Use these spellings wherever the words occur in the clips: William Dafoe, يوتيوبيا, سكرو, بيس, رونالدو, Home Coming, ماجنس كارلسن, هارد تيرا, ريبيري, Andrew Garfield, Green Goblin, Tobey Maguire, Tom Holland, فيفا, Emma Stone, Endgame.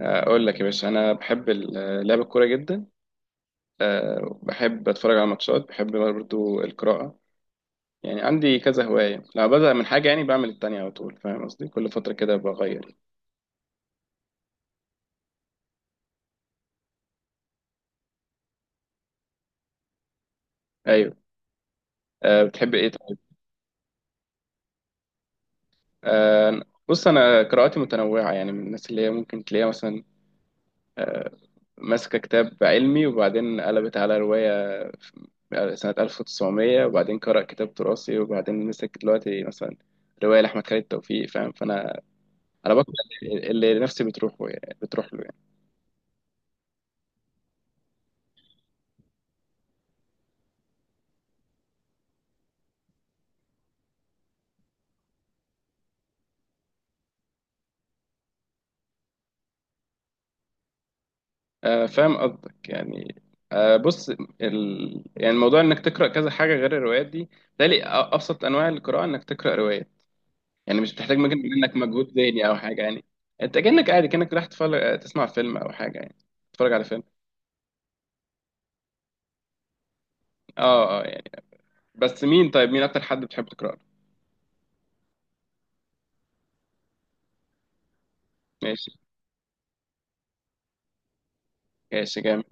اقول لك يا باشا انا بحب لعب الكوره جدا. أه، بحب اتفرج على ماتشات، بحب برضو القراءه. يعني عندي كذا هوايه، لما ببدا من حاجه يعني بعمل التانية على طول، فاهم قصدي؟ كل فتره كده بغير. ايوه. أه بتحب ايه طيب؟ أه بص، انا قراءاتي متنوعه. يعني من الناس اللي هي ممكن تلاقيها مثلا ماسكه كتاب علمي، وبعدين قلبت على روايه في سنه 1900، وبعدين قرأ كتاب تراثي، وبعدين مسك دلوقتي مثلا روايه لاحمد خالد توفيق، فاهم؟ فانا انا بكره اللي نفسي بتروح يعني بتروح له يعني. آه فاهم قصدك يعني. آه بص، يعني موضوع انك تقرا كذا حاجه غير الروايات دي، بالتالي ابسط انواع القراءه انك تقرا روايه. يعني مش بتحتاج مجهد منك، مجهود ذهني او حاجه يعني. انت كانك قاعد، كانك رايح تتفرج تسمع فيلم او حاجه يعني، تتفرج على فيلم. اه اه يعني. بس مين طيب؟ مين اكتر حد بتحب تقرا له؟ ماشي. ماشي جامد.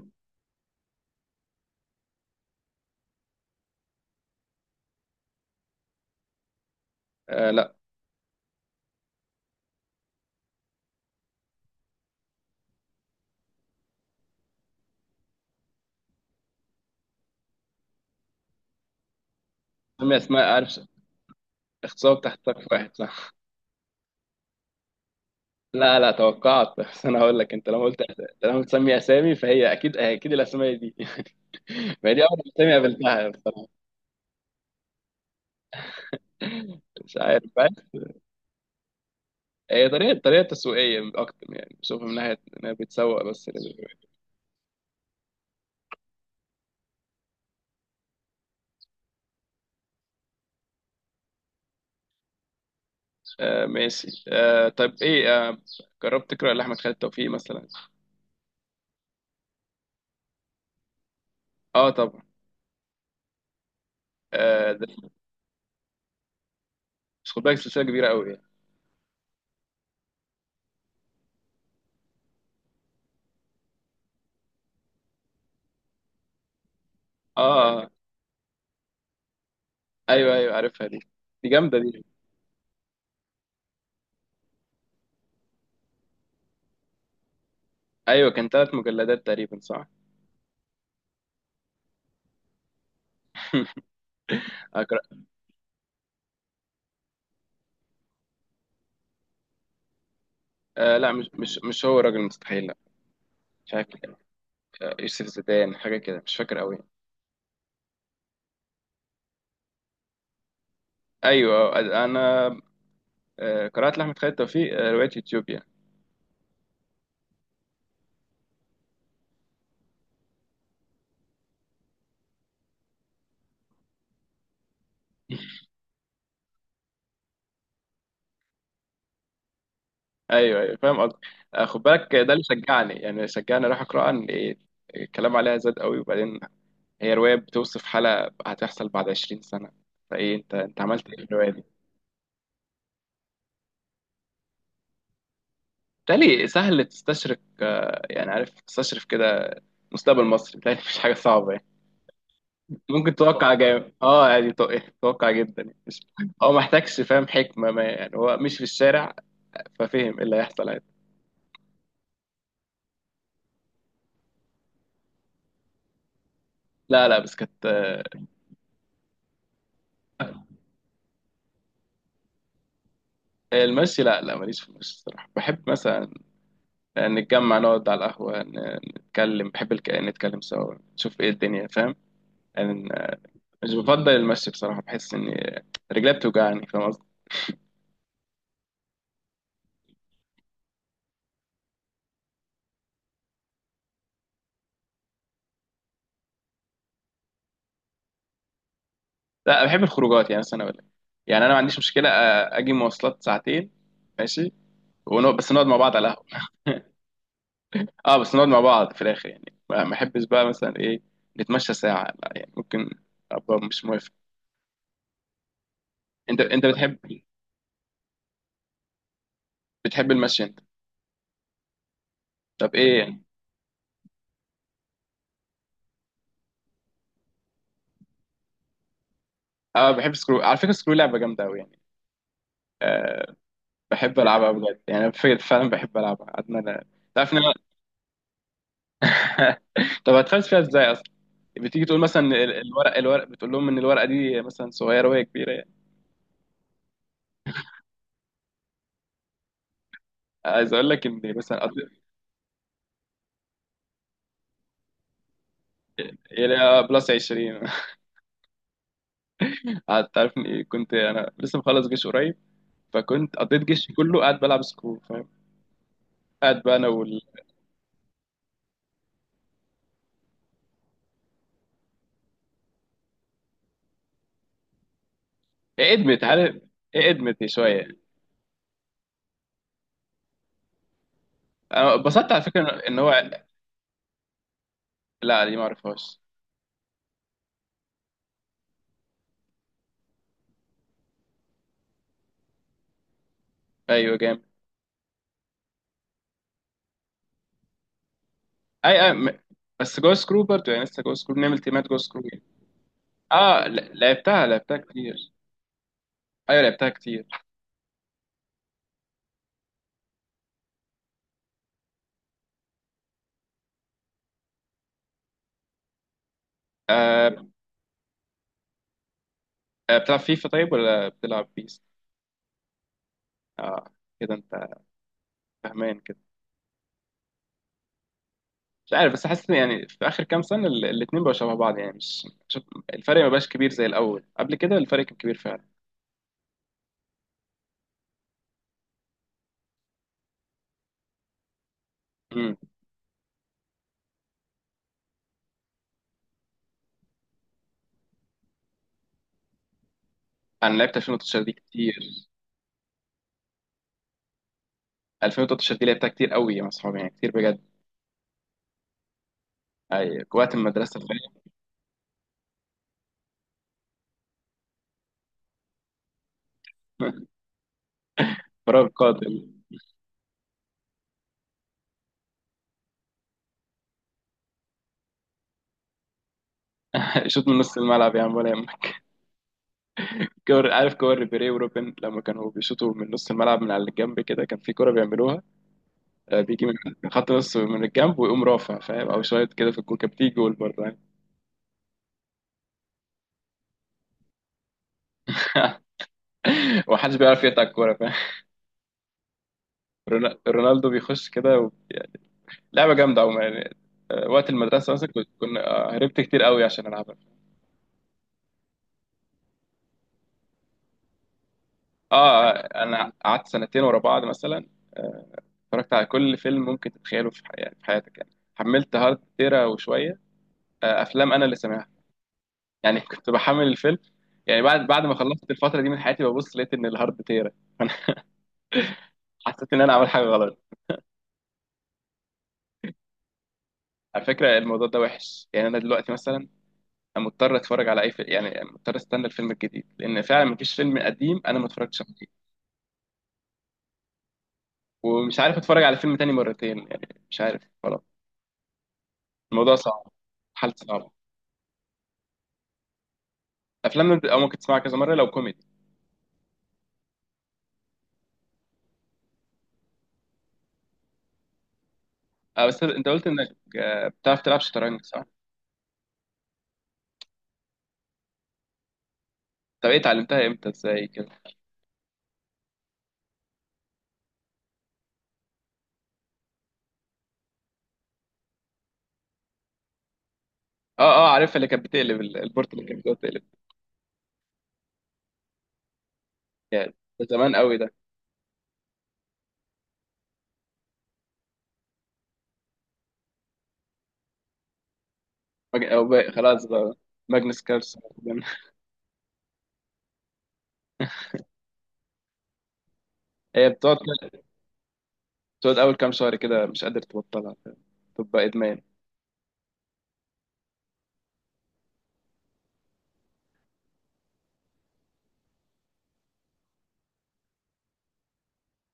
آه لا. اسماء عارف، اختصار تحت سقف واحد صح. لا لا، توقعت بس انا هقول لك انت لما قلت، لما بتسمي اسامي فهي اكيد الاسامي دي ما هي دي اول اسامي قابلتها بصراحه، مش عارف بقى. هي طريقه تسويقيه اكتر، يعني بشوفها من ناحيه انها بتسوق بس آه ماشي. آه طب ايه، آه جربت تقرا لاحمد خالد توفيق مثلا؟ اه طبعا. آه ده. بس خد بالك سلسله كبيره قوي يعني. اه آه، آه. ايوه ايوه عارفها دي، دي جامده دي. ايوه كان ثلاث مجلدات تقريبا صح. أقرأ. آه لا، مش هو راجل مستحيل لا. مش عارف، يوسف زيدان حاجة كده، مش فاكر قوي. أيوة. أنا آه، قرأت لأحمد خالد توفيق آه، رواية يوتيوبيا. أيوة أيوة فاهم قصدك. آه، خد بالك ده اللي شجعني، يعني شجعني أروح أقرأها إن الكلام عليها زاد قوي. وبعدين هي رواية بتوصف حالة هتحصل بعد 20 سنة، فإيه أنت عملت إيه في الرواية دي؟ بتهيألي سهل تستشرف آه، يعني عارف تستشرف كده مستقبل مصر، بتهيألي مش حاجة صعبة يعني. ممكن تتوقع جامد اه، يعني تو- إيه، تتوقع جدا يعني. مش هو محتاجش فاهم حكمة ما، يعني هو مش في الشارع ففهم ايه اللي هيحصل عادي. لا لا بس كانت آه، المشي لا لا ماليش في المشي الصراحة. بحب مثلا آه، نتجمع نقعد على القهوة، نتكلم. بحب نتكلم سوا نشوف ايه الدنيا فاهم، يعني آه، مش بفضل المشي بصراحة، بحس اني رجلي بتوجعني فاهم قصدي. لا بحب الخروجات، يعني مثلا اقول لك يعني انا ما عنديش مشكلة اجي مواصلات ساعتين ماشي، بس نقعد مع بعض على القهوة. اه بس نقعد مع بعض في الاخر، يعني ما احبش بقى مثلا ايه نتمشى ساعة، لا يعني ممكن ابقى مش موافق. انت بتحب، بتحب المشي انت؟ طب ايه يعني. اه بحب سكرو على فكره، سكرو لعبه جامده قوي يعني. آه بحب العبها بجد، يعني أنا فعلا بحب العبها عدنا انا. تعرف ان انا طب هتخلص فيها ازاي اصلا؟ بتيجي تقول مثلا الورق بتقول لهم ان الورقه دي مثلا صغيره وهي كبيره يعني. عايز اقول لك ان مثلا هي بلس 20 قعدت تعرف إن كنت انا لسه مخلص جيش قريب، فكنت قضيت جيشي كله قاعد بلعب سكرو فاهم. قاعد بقى انا وال ادمت عارف. ادمت شويه، انا اتبسطت على فكره ان هو. لا دي ما اعرفهاش. ايوه جامد. اي اي م- بس جو سكرو برضه، يعني لسه جو سكرو بنعمل تيمات جو سكرو يعني. اه لعبتها كتير. ايوه لعبتها كتير. آه. آه، بتلعب فيفا طيب ولا بتلعب بيس؟ اه كده انت فاهمان كده. مش عارف، بس حاسس إن يعني في اخر كام سنه الاتنين بقوا شبه بعض، يعني مش شوف، الفرق ما بقاش كبير زي الاول. قبل كده الفرق كان كبير فعلا. امم. انا لعبت 2013 دي كتير. 2013 دي لعبتها كتير قوي مع اصحابي يعني كتير بجد. اي وقت المدرسه. فاهم فراغ قاتل. يشوط من نص الملعب يا عم ولا يهمك. كور عارف، كور ريبيري وروبن لما كانوا بيشوطوا من نص الملعب من على الجنب كده، كان في كوره بيعملوها آه، بيجي من من خط نص من الجنب ويقوم رافع فاهم، او شويه كده في الجول كانت بتيجي جول برضه يعني. ومحدش بيعرف يقطع الكوره فاهم. رونالدو بيخش كده يعني لعبه جامده عموما يعني. آه، وقت المدرسه مثلا كنت كنا آه، هربت كتير قوي عشان العبها. اه آه، انا قعدت سنتين ورا بعض مثلا آه، اتفرجت على كل فيلم ممكن تتخيله في يعني في حياتك يعني. حملت هارد تيرا وشويه آه، افلام انا اللي سامعها. يعني كنت بحمل الفيلم، يعني بعد ما خلصت الفترة دي من حياتي، ببص لقيت إن الهارد تيرا فأنا حسيت إن أنا عامل حاجة غلط. على فكرة الموضوع ده وحش، يعني أنا دلوقتي مثلا أنا مضطر أتفرج على أي فيلم، يعني مضطر أستنى الفيلم الجديد، لأن فعلا مفيش فيلم قديم أنا ما اتفرجتش عليه. ومش عارف أتفرج على فيلم تاني مرتين، يعني مش عارف خلاص، الموضوع صعب. حالته صعبة. أفلام أو ممكن تسمعها كذا مرة لو كوميدي. أه بس أنت قلت إنك آه، بتعرف تلعب شطرنج صح؟ طب إيه اتعلمتها إمتى إزاي كده؟ أه أه عارفها، اللي كانت بتقلب البورت اللي كانت بتقلب. يعني ده زمان قوي ده. أو بقى خلاص بقى ماجنس كارلسن هي بتقعد. بتقعد اول كام شهر كده مش قادر تبطلها، تبقى ادمان.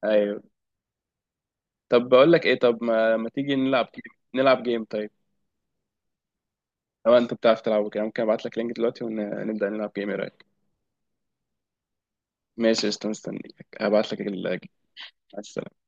ايوه. طب بقول لك ايه، طب ما, ما تيجي نلعب جيم، نلعب جيم طيب. لو انت بتعرف تلعب كده، ممكن ابعت لك لينك دلوقتي ونبدا نلعب جيم، ايه رايك؟ ماشي قشطة، مستنيك هبعت لك اللينك. مع السلامة.